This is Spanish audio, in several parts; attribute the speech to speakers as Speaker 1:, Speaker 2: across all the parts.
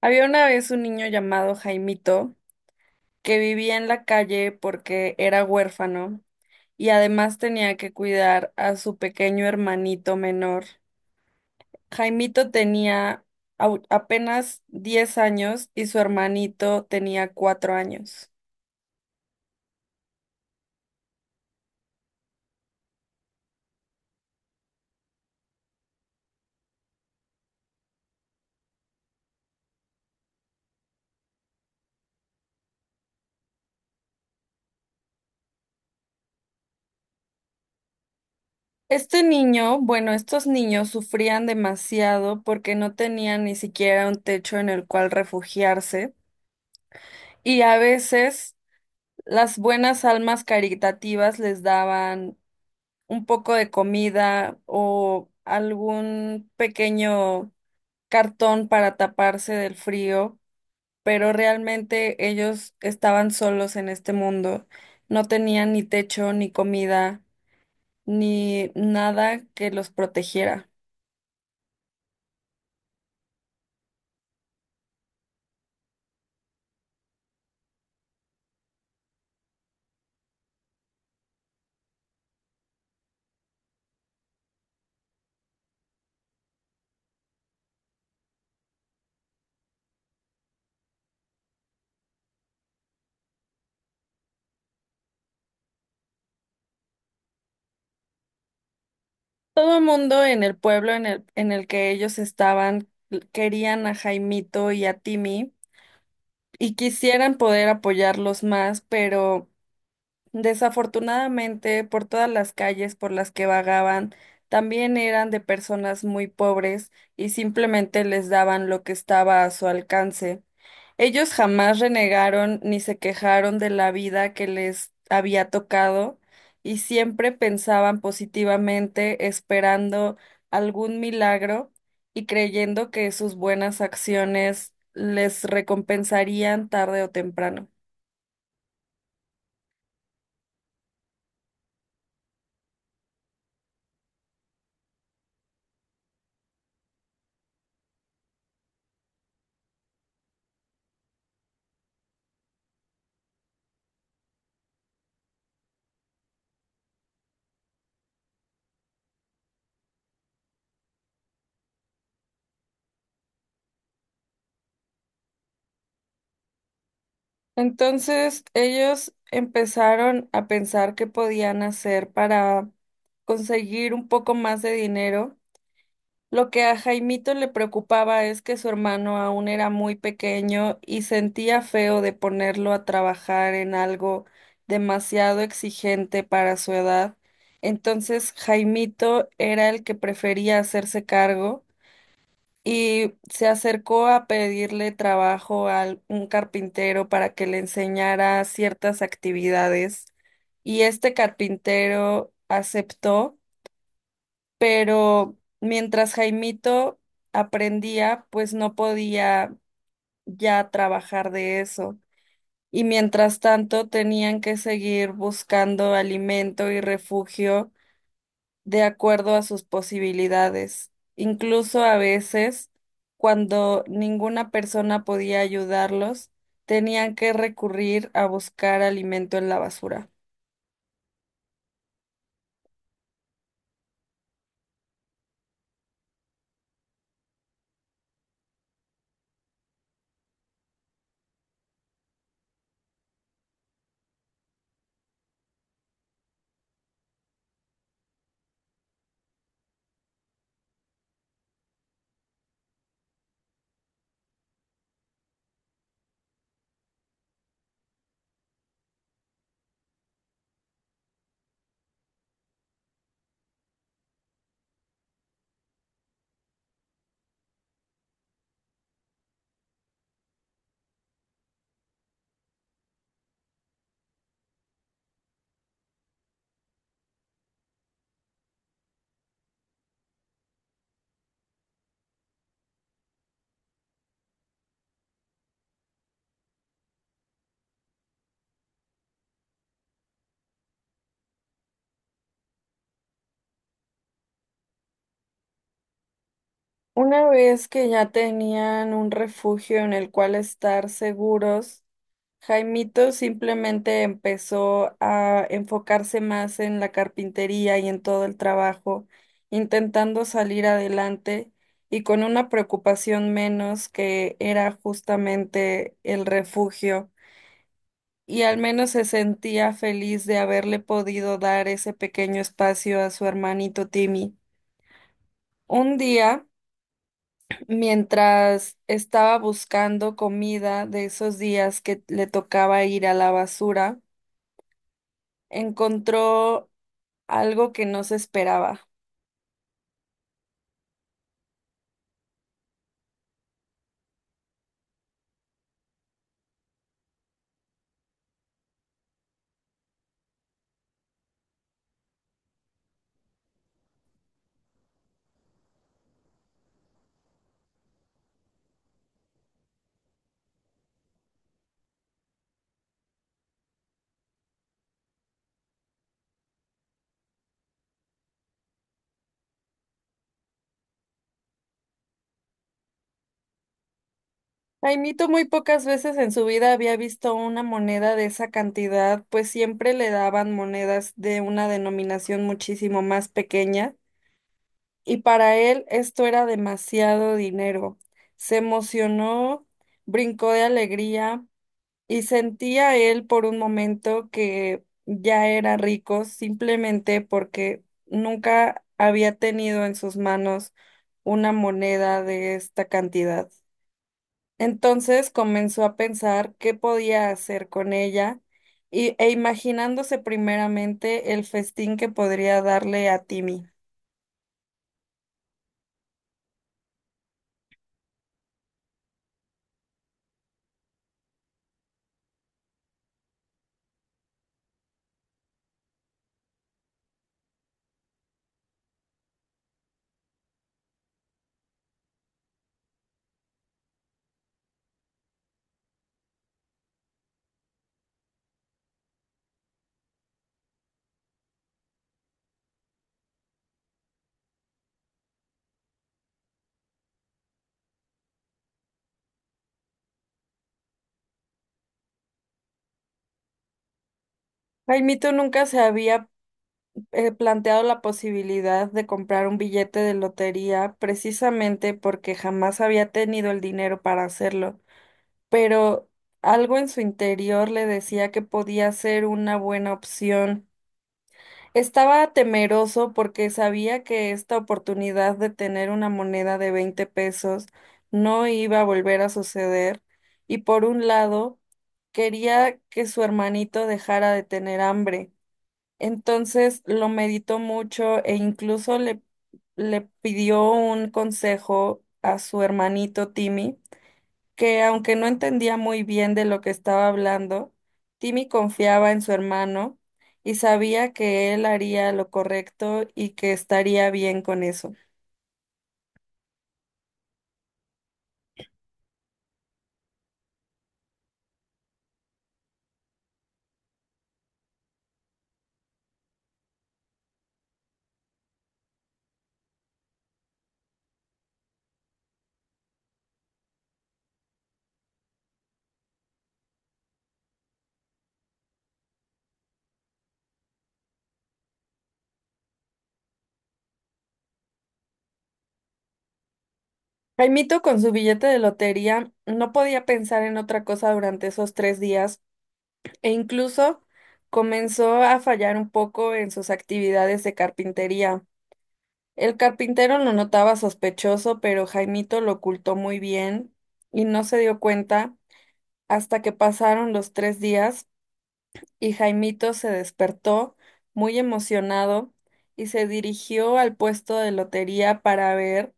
Speaker 1: Había una vez un niño llamado Jaimito que vivía en la calle porque era huérfano y además tenía que cuidar a su pequeño hermanito menor. Jaimito tenía apenas 10 años y su hermanito tenía 4 años. Bueno, estos niños sufrían demasiado porque no tenían ni siquiera un techo en el cual refugiarse, y a veces las buenas almas caritativas les daban un poco de comida o algún pequeño cartón para taparse del frío, pero realmente ellos estaban solos en este mundo. No tenían ni techo, ni comida, ni nada que los protegiera. Todo el mundo en el pueblo en el que ellos estaban querían a Jaimito y a Timmy, y quisieran poder apoyarlos más, pero, desafortunadamente, por todas las calles por las que vagaban, también eran de personas muy pobres y simplemente les daban lo que estaba a su alcance. Ellos jamás renegaron ni se quejaron de la vida que les había tocado, y siempre pensaban positivamente, esperando algún milagro y creyendo que sus buenas acciones les recompensarían tarde o temprano. Entonces ellos empezaron a pensar qué podían hacer para conseguir un poco más de dinero. Lo que a Jaimito le preocupaba es que su hermano aún era muy pequeño y sentía feo de ponerlo a trabajar en algo demasiado exigente para su edad. Entonces Jaimito era el que prefería hacerse cargo, y se acercó a pedirle trabajo a un carpintero para que le enseñara ciertas actividades, y este carpintero aceptó, pero mientras Jaimito aprendía, pues no podía ya trabajar de eso. Y mientras tanto tenían que seguir buscando alimento y refugio de acuerdo a sus posibilidades. Incluso a veces, cuando ninguna persona podía ayudarlos, tenían que recurrir a buscar alimento en la basura. Una vez que ya tenían un refugio en el cual estar seguros, Jaimito simplemente empezó a enfocarse más en la carpintería y en todo el trabajo, intentando salir adelante y con una preocupación menos, que era justamente el refugio, y al menos se sentía feliz de haberle podido dar ese pequeño espacio a su hermanito Timmy. Un día, mientras estaba buscando comida de esos días que le tocaba ir a la basura, encontró algo que no se esperaba. Jaimito muy pocas veces en su vida había visto una moneda de esa cantidad, pues siempre le daban monedas de una denominación muchísimo más pequeña, y para él esto era demasiado dinero. Se emocionó, brincó de alegría, y sentía él por un momento que ya era rico simplemente porque nunca había tenido en sus manos una moneda de esta cantidad. Entonces comenzó a pensar qué podía hacer con ella, e imaginándose primeramente el festín que podría darle a Timmy. Jaimito nunca se había planteado la posibilidad de comprar un billete de lotería, precisamente porque jamás había tenido el dinero para hacerlo, pero algo en su interior le decía que podía ser una buena opción. Estaba temeroso porque sabía que esta oportunidad de tener una moneda de $20 no iba a volver a suceder, y por un lado quería que su hermanito dejara de tener hambre. Entonces lo meditó mucho e incluso le pidió un consejo a su hermanito Timmy, que, aunque no entendía muy bien de lo que estaba hablando, Timmy confiaba en su hermano y sabía que él haría lo correcto y que estaría bien con eso. Jaimito, con su billete de lotería, no podía pensar en otra cosa durante esos 3 días, e incluso comenzó a fallar un poco en sus actividades de carpintería. El carpintero lo notaba sospechoso, pero Jaimito lo ocultó muy bien y no se dio cuenta, hasta que pasaron los 3 días y Jaimito se despertó muy emocionado y se dirigió al puesto de lotería para ver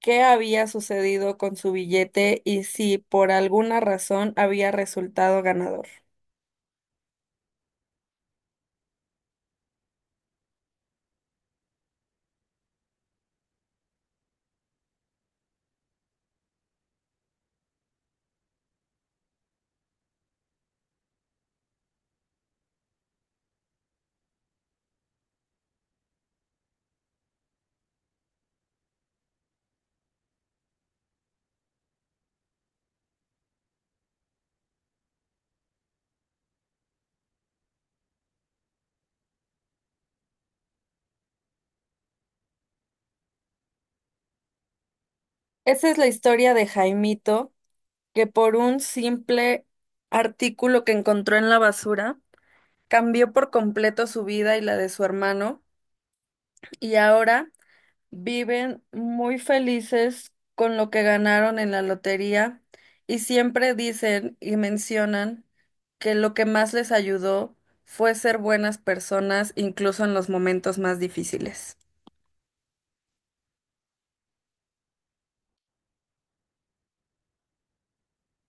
Speaker 1: qué había sucedido con su billete y si por alguna razón había resultado ganador. Esa es la historia de Jaimito, que por un simple artículo que encontró en la basura, cambió por completo su vida y la de su hermano, y ahora viven muy felices con lo que ganaron en la lotería, y siempre dicen y mencionan que lo que más les ayudó fue ser buenas personas, incluso en los momentos más difíciles.